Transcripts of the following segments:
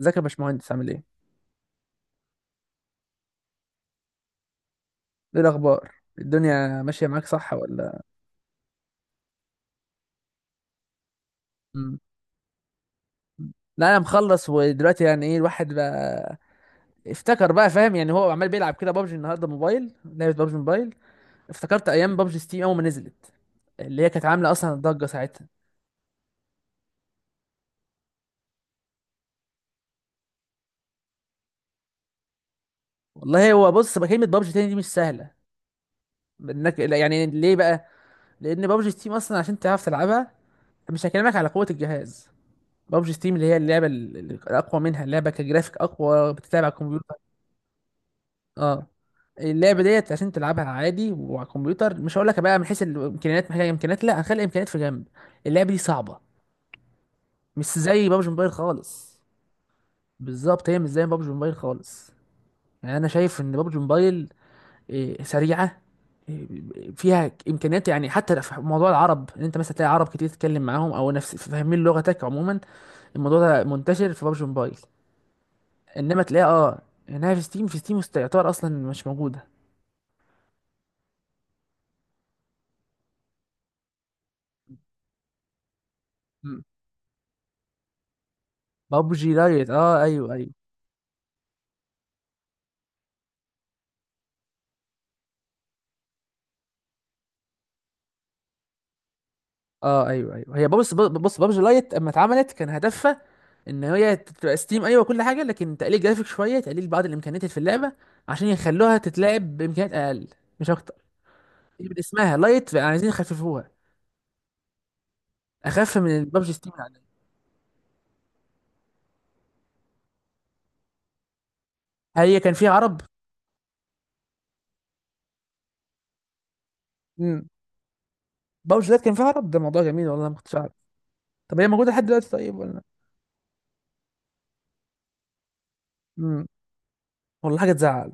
ازيك يا باشمهندس، عامل ايه؟ ايه الاخبار؟ الدنيا ماشيه معاك صح ولا؟ مم. لا، انا مخلص ودلوقتي، يعني ايه الواحد بقى؟ افتكر بقى فاهم، يعني هو عمال بيلعب كده بابجي النهارده، موبايل، لعبه بابجي موبايل. افتكرت ايام بابجي ستيم اول ما نزلت، اللي هي كانت عامله اصلا ضجه ساعتها. والله هو بص بقى، كلمه بابجي تاني دي مش سهله انك لا، يعني ليه بقى؟ لان بابجي ستيم اصلا عشان تعرف تلعبها، مش هكلمك على قوة الجهاز. بابجي ستيم اللي هي اللعبة الأقوى، منها اللعبة كجرافيك أقوى بتتلعب على الكمبيوتر. اه، اللعبه ديت عشان تلعبها عادي وعلى الكمبيوتر، مش هقول لك بقى من حيث الامكانيات، محتاجه امكانيات، لا هنخلي الامكانيات في جنب. اللعبه دي صعبه، مش زي بابجي موبايل خالص. بالظبط، هي مش زي بابجي موبايل خالص. يعني انا شايف ان بابجي موبايل سريعه، إيه، فيها امكانيات. يعني حتى في موضوع العرب، ان انت مثلا تلاقي عرب كتير تتكلم معاهم او نفس فاهمين لغتك عموما. الموضوع ده منتشر في بابجي موبايل. انما تلاقي اه انها في ستيم، في ستيم يعتبر اصلا مش موجوده. مم. بابجي لايت، اه ايوه ايوه. اه ايوه ايوه، هي بص بص، بابجي لايت اما اتعملت كان هدفها ان هي تبقى ستيم، ايوه كل حاجه، لكن تقليل جرافيك شويه، تقليل بعض الامكانيات اللي في اللعبه، عشان يخلوها تتلعب بامكانيات اقل. مش اكتر. دي من اسمها لايت، عايزين يخففوها اخف من بابجي ستيم اللي عليها. هي كان فيها عرب. امم بابجي لايت كان فيها عرب، ده موضوع جميل والله ما كنتش اعرف. طب هي موجوده لحد دلوقتي طيب ولا؟ امم والله حاجه تزعل.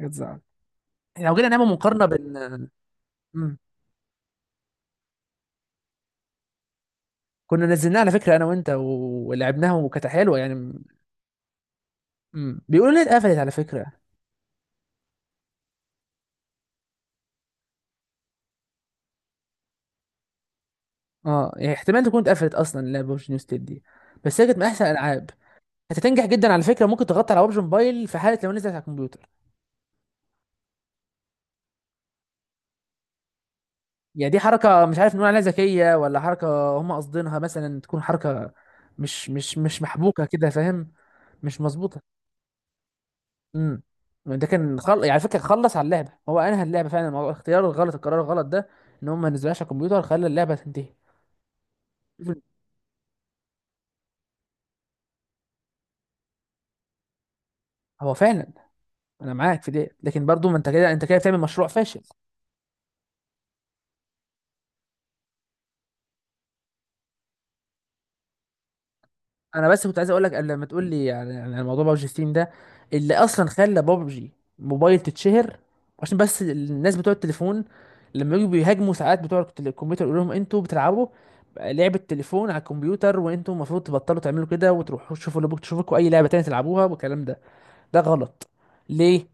حاجه تزعل. إحنا لو جينا نعمل مقارنه بين. مم. كنا نزلناها على فكره انا وانت ولعبناها، وكانت حلوه يعني. بيقولوا انها اتقفلت على فكره. اه، يعني احتمال تكون اتقفلت اصلا اللعبه، ببجي نيو ستيت دي، بس هي كانت من احسن الالعاب. هتنجح جدا على فكره، ممكن تغطي على ببجي موبايل في حاله لو نزلت على الكمبيوتر. يعني دي حركه مش عارف نقول عليها ذكيه ولا حركه هم قاصدينها، مثلا تكون حركه مش محبوكه كده، فاهم؟ مش مظبوطه. امم ده كان يعني على فكره خلص على اللعبه، هو انهى اللعبه فعلا موضوع الاختيار الغلط، القرار الغلط ده، ان هم ما نزلوهاش على الكمبيوتر، خلى اللعبه تنتهي. هو فعلا، انا معاك في دي، لكن برضو ما انت كده، انت كده بتعمل مشروع فاشل. انا بس كنت عايز اقول لك، لما تقول لي يعني، الموضوع بابجي ستيم ده اللي اصلا خلى بابجي موبايل تتشهر، عشان بس الناس بتوع التليفون لما يجوا بيهاجموا ساعات بتوع الكمبيوتر، يقول لهم انتوا بتلعبوا لعبة تليفون على الكمبيوتر، وانتم المفروض تبطلوا تعملوا كده وتروحوا تشوفوا اللي تشوفوا، اي لعبة تانية تلعبوها والكلام ده. ده غلط. ليه؟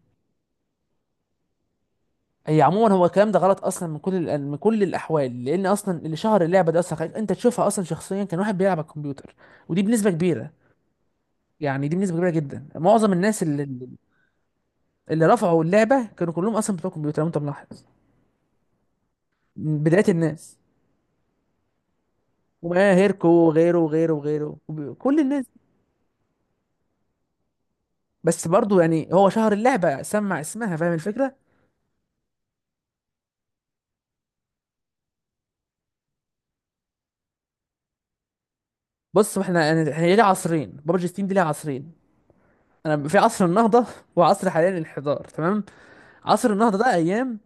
هي عموما هو الكلام ده غلط اصلا من كل من كل الاحوال، لان اصلا اللي شهر اللعبه دي اصلا، خليك انت تشوفها اصلا شخصيا، كان واحد بيلعب على الكمبيوتر، ودي بنسبه كبيره. يعني دي بنسبه كبيره جدا، معظم الناس اللي رفعوا اللعبه كانوا كلهم اصلا بتوع كمبيوتر، لو انت ملاحظ، من بدايه الناس، وما هيركو وغيره وغيره وغيره كل الناس. بس برضو يعني هو شهر اللعبه سمع اسمها، فاهم الفكره. بص احنا يعني، احنا ليه عصرين بابجي ستيم؟ دي ليها عصرين. انا في عصر النهضه، وعصر حاليا الانحدار، تمام. عصر النهضه ده ايام،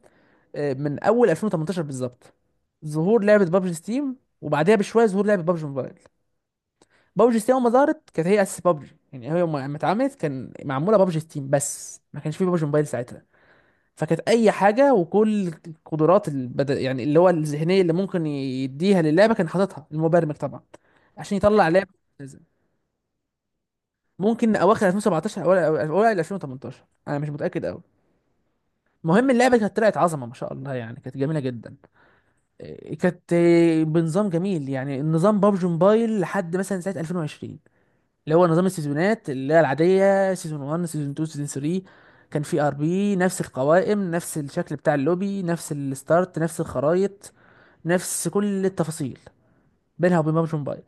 من اول 2018 بالظبط، ظهور لعبه بابجي ستيم وبعدها بشويه ظهور لعبه بابجي موبايل. بابجي ستيم اول ما ظهرت كانت هي اساس بابجي، يعني هي يوم ما اتعملت كان معموله بابجي ستيم بس، ما كانش في بابجي موبايل ساعتها. فكانت اي حاجه وكل القدرات يعني اللي هو الذهنيه اللي ممكن يديها للعبه، كان حاططها المبرمج طبعا عشان يطلع لعبه. ممكن اواخر 2017، اوائل 2018، انا مش متاكد قوي. المهم اللعبه كانت طلعت عظمه ما شاء الله، يعني كانت جميله جدا. كانت بنظام جميل، يعني النظام بابجي موبايل لحد مثلا سنه 2020 اللي هو نظام السيزونات، اللي هي العادية، سيزون 1، سيزون 2، سيزون 3. كان في ار بي، نفس القوائم، نفس الشكل بتاع اللوبي، نفس الستارت، نفس الخرايط، نفس كل التفاصيل بينها وبين بابجي موبايل،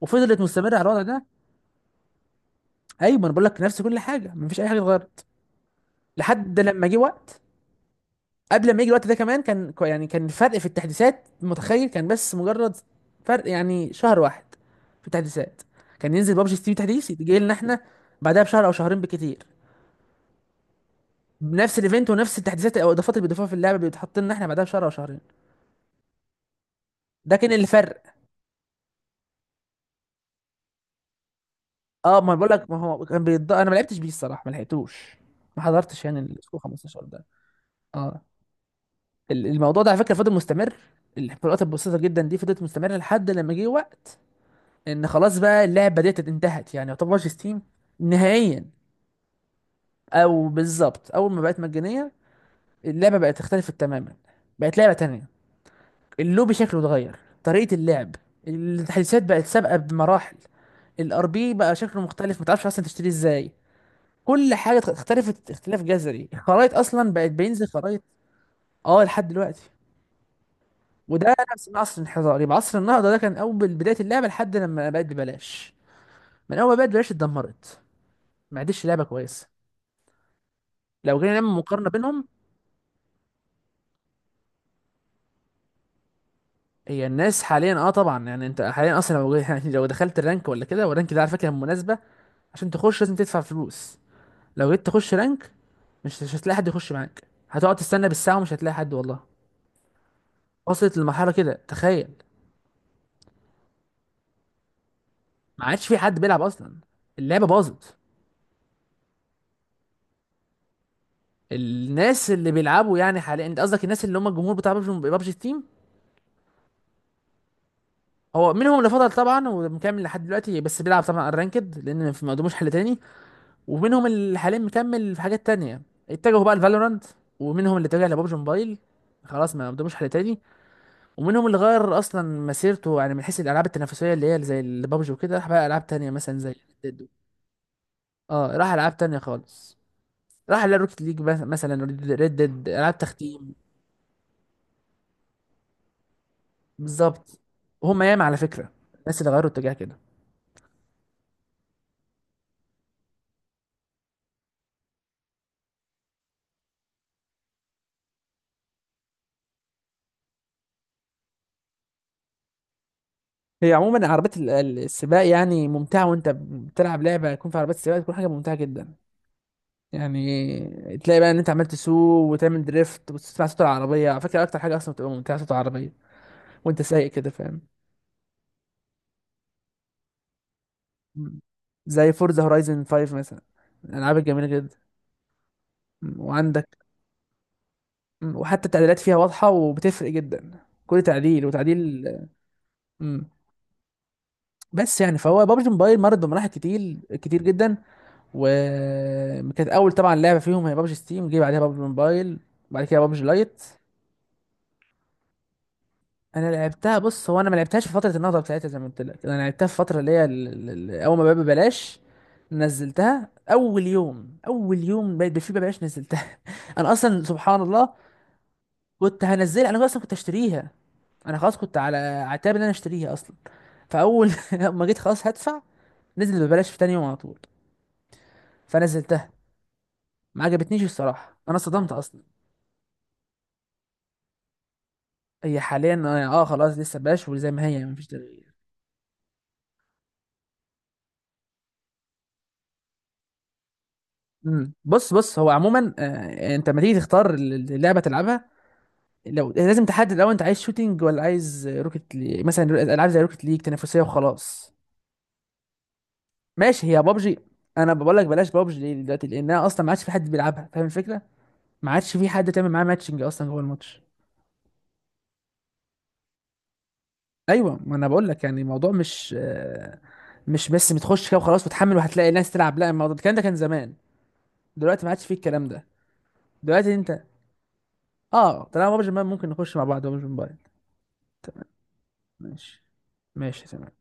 وفضلت مستمرة على الوضع ده. ايوه ما انا بقول لك، نفس كل حاجة، مفيش اي حاجة اتغيرت لحد لما جه وقت. قبل ما يجي الوقت ده كمان كان يعني كان الفرق في التحديثات، متخيل كان بس مجرد فرق يعني شهر واحد في التحديثات. كان ينزل بابجي ستيم تحديث يجي لنا احنا بعدها بشهر او شهرين بالكتير، نفس الايفنت ونفس التحديثات او الاضافات اللي بيضيفوها في اللعبه بيتحط لنا احنا بعدها بشهر او شهرين. ده كان الفرق. اه ما بقول لك، ما هو كان انا ما لعبتش بيه الصراحه، ما لحقتوش. ما حضرتش يعني الاسبوع 15 ده. اه، الموضوع ده على فكره فضل مستمر. الفروقات البسيطه جدا دي فضلت مستمره لحد لما جه وقت ان خلاص بقى اللعبه ديت انتهت، يعني يعتبر ستيم نهائيا، او بالظبط اول ما بقت مجانيه اللعبه بقت اختلفت تماما، بقت لعبه تانية. اللوبي شكله اتغير، طريقة اللعب، التحديثات بقت سابقة بمراحل، الار بي بقى شكله مختلف ما تعرفش اصلا تشتريه ازاي، كل حاجة اختلفت اختلاف جذري، الخرايط اصلا بقت بينزل خرايط. اه لحد دلوقتي. وده نفس من عصر الانحدار، يبقى عصر النهضة ده كان اول بداية اللعبة لحد لما بقت ببلاش. من اول ما بقت ببلاش اتدمرت، ما عادش لعبة كويسة. لو جينا نعمل مقارنة بينهم. هي الناس حاليا اه طبعا، يعني انت حاليا اصلا لو يعني لو دخلت الرانك ولا كده، والرانك ده على فكرة مناسبة، عشان تخش لازم تدفع فلوس. لو جيت تخش رانك، مش هتلاقي حد يخش معاك، هتقعد تستنى بالساعة ومش هتلاقي حد والله. وصلت لمرحلة كده، تخيل. ما عادش في حد بيلعب أصلا، اللعبة باظت. الناس اللي بيلعبوا يعني حاليا، انت قصدك الناس اللي هم الجمهور بتاع ببجي تيم. هو منهم اللي فضل طبعا ومكمل لحد دلوقتي، بس بيلعب طبعا الرانكد لان ما قدموش حل تاني. ومنهم اللي حاليا مكمل في حاجات تانية، اتجهوا بقى لفالورانت. ومنهم اللي اتجه لببجي موبايل، خلاص ما قدموش حل تاني. ومنهم اللي غير اصلا مسيرته، يعني من حيث الالعاب التنافسيه اللي هي زي البابجي وكده، راح بقى العاب تانية مثلا زي Red Dead. اه راح العاب تانية خالص. راح لروكيت ليج مثلا، ريد ديد، العاب تختيم. بالظبط. وهم ياما على فكره الناس اللي غيروا اتجاه كده. هي عموما عربيات السباق يعني ممتعه، وانت بتلعب لعبه يكون في عربيات سباق تكون حاجه ممتعه جدا. يعني تلاقي بقى ان انت عمال تسوق وتعمل دريفت وتسمع صوت العربيه، على فكره اكتر حاجه اصلا بتبقى ممتعه صوت العربيه وانت سايق كده، فاهم؟ مم. زي فورزا هورايزن 5 مثلا، الالعاب الجميله جدا. مم. وعندك. مم. وحتى التعديلات فيها واضحه وبتفرق جدا، كل تعديل وتعديل. مم. بس يعني فهو بابجي موبايل مرت بمراحل كتير كتير جدا. وكانت اول طبعا لعبه فيهم هي بابجي ستيم، جه بعدها بابجي موبايل، وبعد كده بابجي لايت. انا لعبتها بص، هو انا ما لعبتهاش في فتره النهضه بتاعتها زي ما قلت لك، انا لعبتها في فتره اللي هي اول ما بقى ببلاش. نزلتها اول يوم، اول يوم بقت بفي ببلاش نزلتها. انا اصلا سبحان الله كنت هنزلها، انا اصلا كنت اشتريها، انا خلاص كنت على عتاب ان انا اشتريها اصلا. فاول لما جيت خلاص هدفع، نزل ببلاش في تاني يوم على طول، فنزلتها. ما عجبتنيش الصراحه، انا صدمت اصلا. هي حاليا خلاص لسه ببلاش، وزي ما هي مفيش تغيير. بص بص، هو عموما انت لما تيجي تختار اللعبه تلعبها، لو لازم تحدد الاول انت عايز شوتينج ولا عايز مثلا العاب زي روكت ليج تنافسيه وخلاص. ماشي هي بابجي. انا بقول لك بلاش بابجي ليه دلوقتي؟ لانها اصلا ما عادش في حد بيلعبها، فاهم الفكره؟ ما عادش في حد تعمل معاه ماتشنج اصلا جوه الماتش. ايوه ما انا بقول لك، يعني الموضوع مش مش بس بتخش كده وخلاص وتحمل وهتلاقي ناس تلعب، لا الموضوع الكلام ده كان زمان، دلوقتي ما عادش فيه الكلام ده. دلوقتي انت، اه طالما بابجي موبايل ممكن نخش مع بعض بابجي موبايل. ماشي. ماشي تمام.